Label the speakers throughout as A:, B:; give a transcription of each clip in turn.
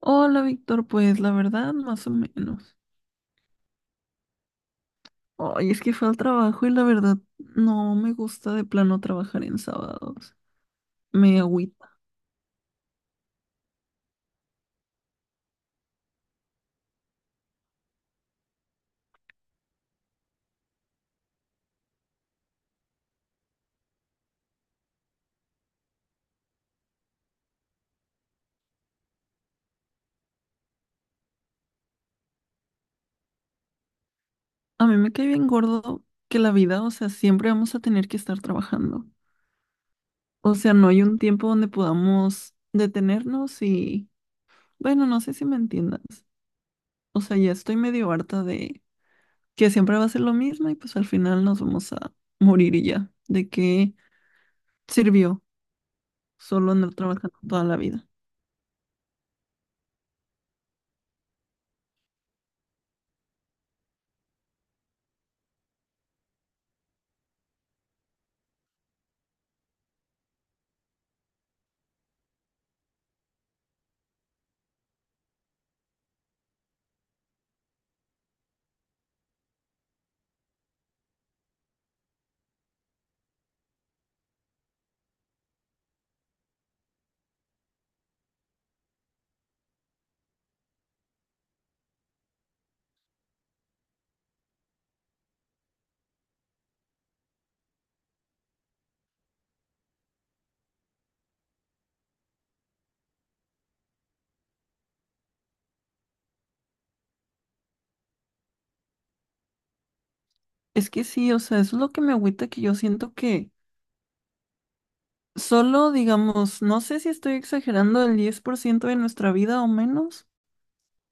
A: Hola, Víctor, pues la verdad, más o menos. Ay, es que fue al trabajo y la verdad no me gusta de plano trabajar en sábados. Me agüita. A mí me cae bien gordo que la vida, o sea, siempre vamos a tener que estar trabajando. O sea, no hay un tiempo donde podamos detenernos y, bueno, no sé si me entiendas. O sea, ya estoy medio harta de que siempre va a ser lo mismo y pues al final nos vamos a morir y ya. ¿De qué sirvió solo andar trabajando toda la vida? Es que sí, o sea, eso es lo que me agüita que yo siento que solo, digamos, no sé si estoy exagerando, el 10% de nuestra vida o menos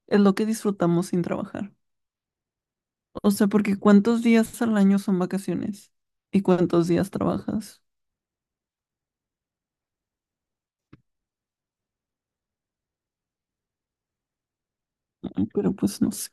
A: es lo que disfrutamos sin trabajar. O sea, porque ¿cuántos días al año son vacaciones? ¿Y cuántos días trabajas? Mm, pero pues no sé.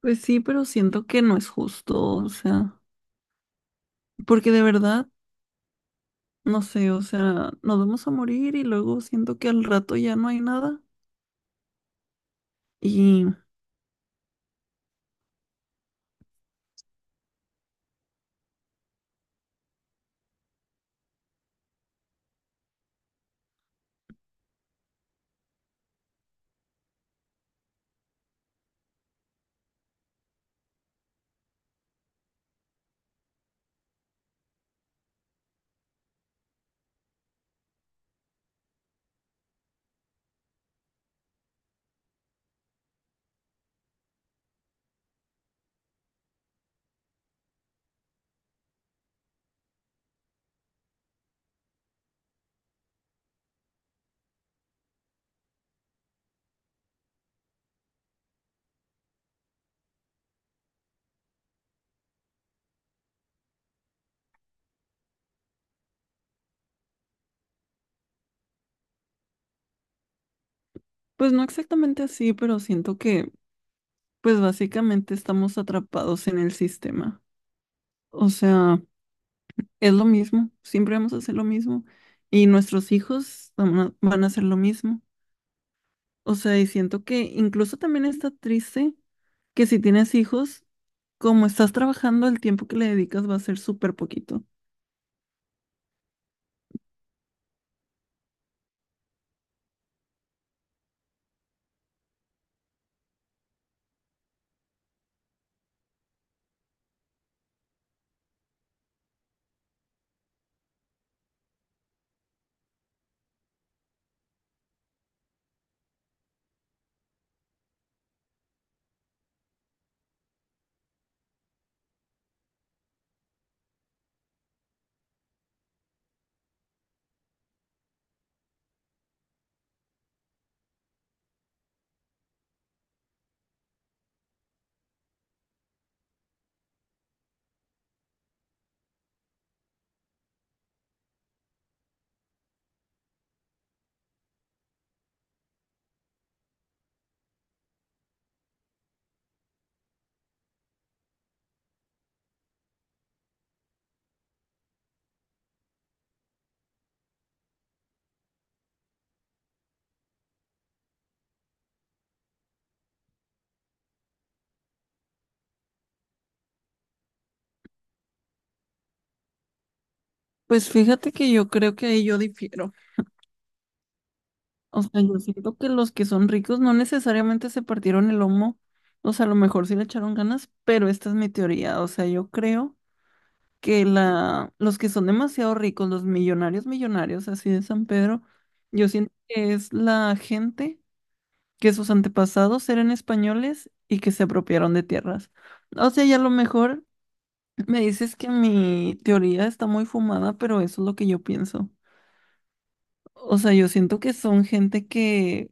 A: Pues sí, pero siento que no es justo, o sea, porque de verdad, no sé, o sea, nos vamos a morir y luego siento que al rato ya no hay nada. Y pues no exactamente así, pero siento que pues básicamente estamos atrapados en el sistema. O sea, es lo mismo, siempre vamos a hacer lo mismo y nuestros hijos van a hacer lo mismo. O sea, y siento que incluso también está triste que si tienes hijos, como estás trabajando, el tiempo que le dedicas va a ser súper poquito. Pues fíjate que yo creo que ahí yo difiero. O sea, yo siento que los que son ricos no necesariamente se partieron el lomo. O sea, a lo mejor sí le echaron ganas, pero esta es mi teoría. O sea, yo creo que los que son demasiado ricos, los millonarios millonarios, así de San Pedro, yo siento que es la gente que sus antepasados eran españoles y que se apropiaron de tierras. O sea, ya a lo mejor me dices que mi teoría está muy fumada, pero eso es lo que yo pienso. O sea, yo siento que son gente que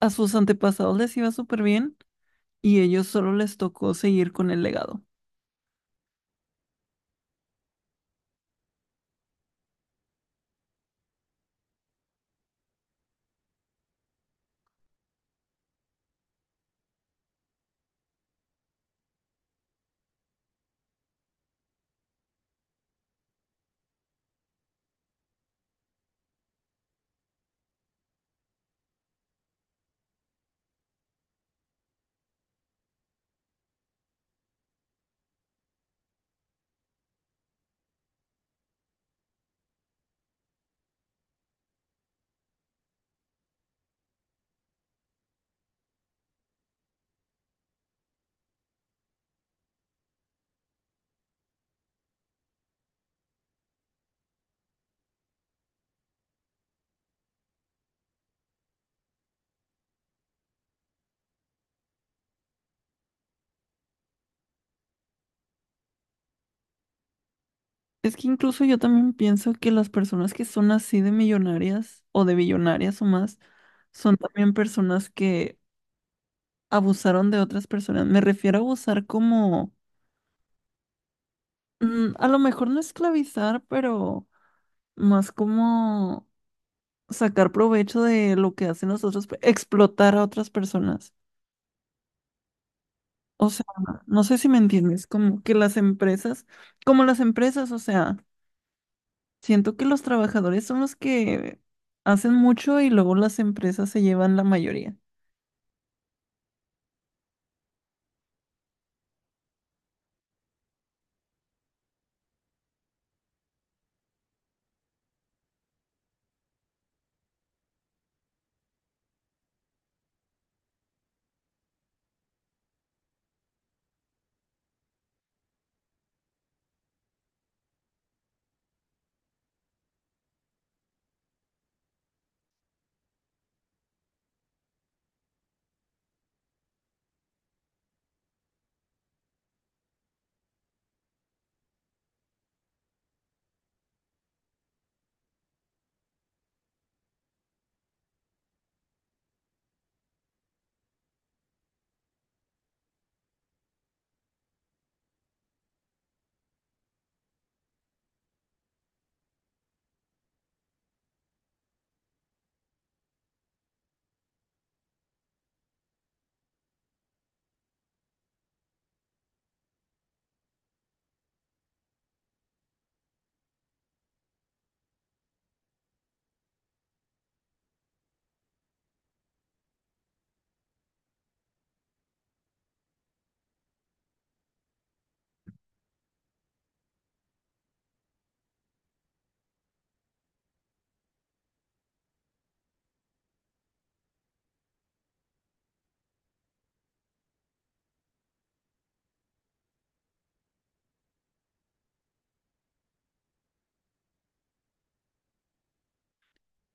A: a sus antepasados les iba súper bien y ellos solo les tocó seguir con el legado. Es que incluso yo también pienso que las personas que son así de millonarias o de billonarias o más, son también personas que abusaron de otras personas. Me refiero a abusar como, a lo mejor no esclavizar, pero más como sacar provecho de lo que hacen los otros, explotar a otras personas. O sea, no sé si me entiendes, como que las empresas, o sea. Siento que los trabajadores son los que hacen mucho y luego las empresas se llevan la mayoría.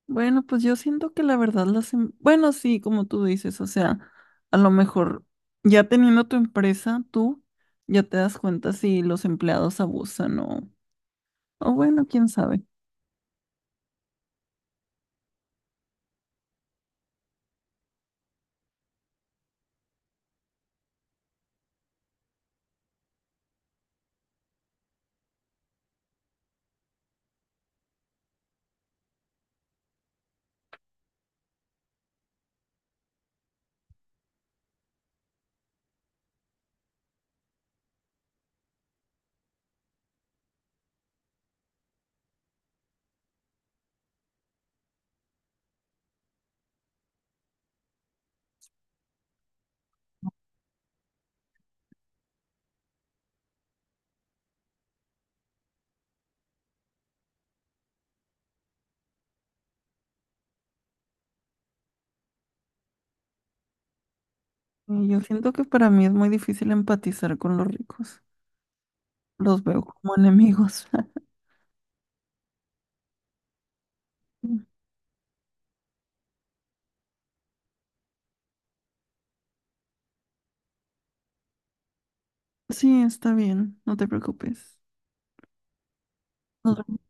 A: Bueno, pues yo siento que la verdad bueno, sí, como tú dices, o sea, a lo mejor ya teniendo tu empresa, tú ya te das cuenta si los empleados abusan o... O bueno, quién sabe. Y yo siento que para mí es muy difícil empatizar con los ricos. Los veo como enemigos. Sí, está bien, no te preocupes. Nos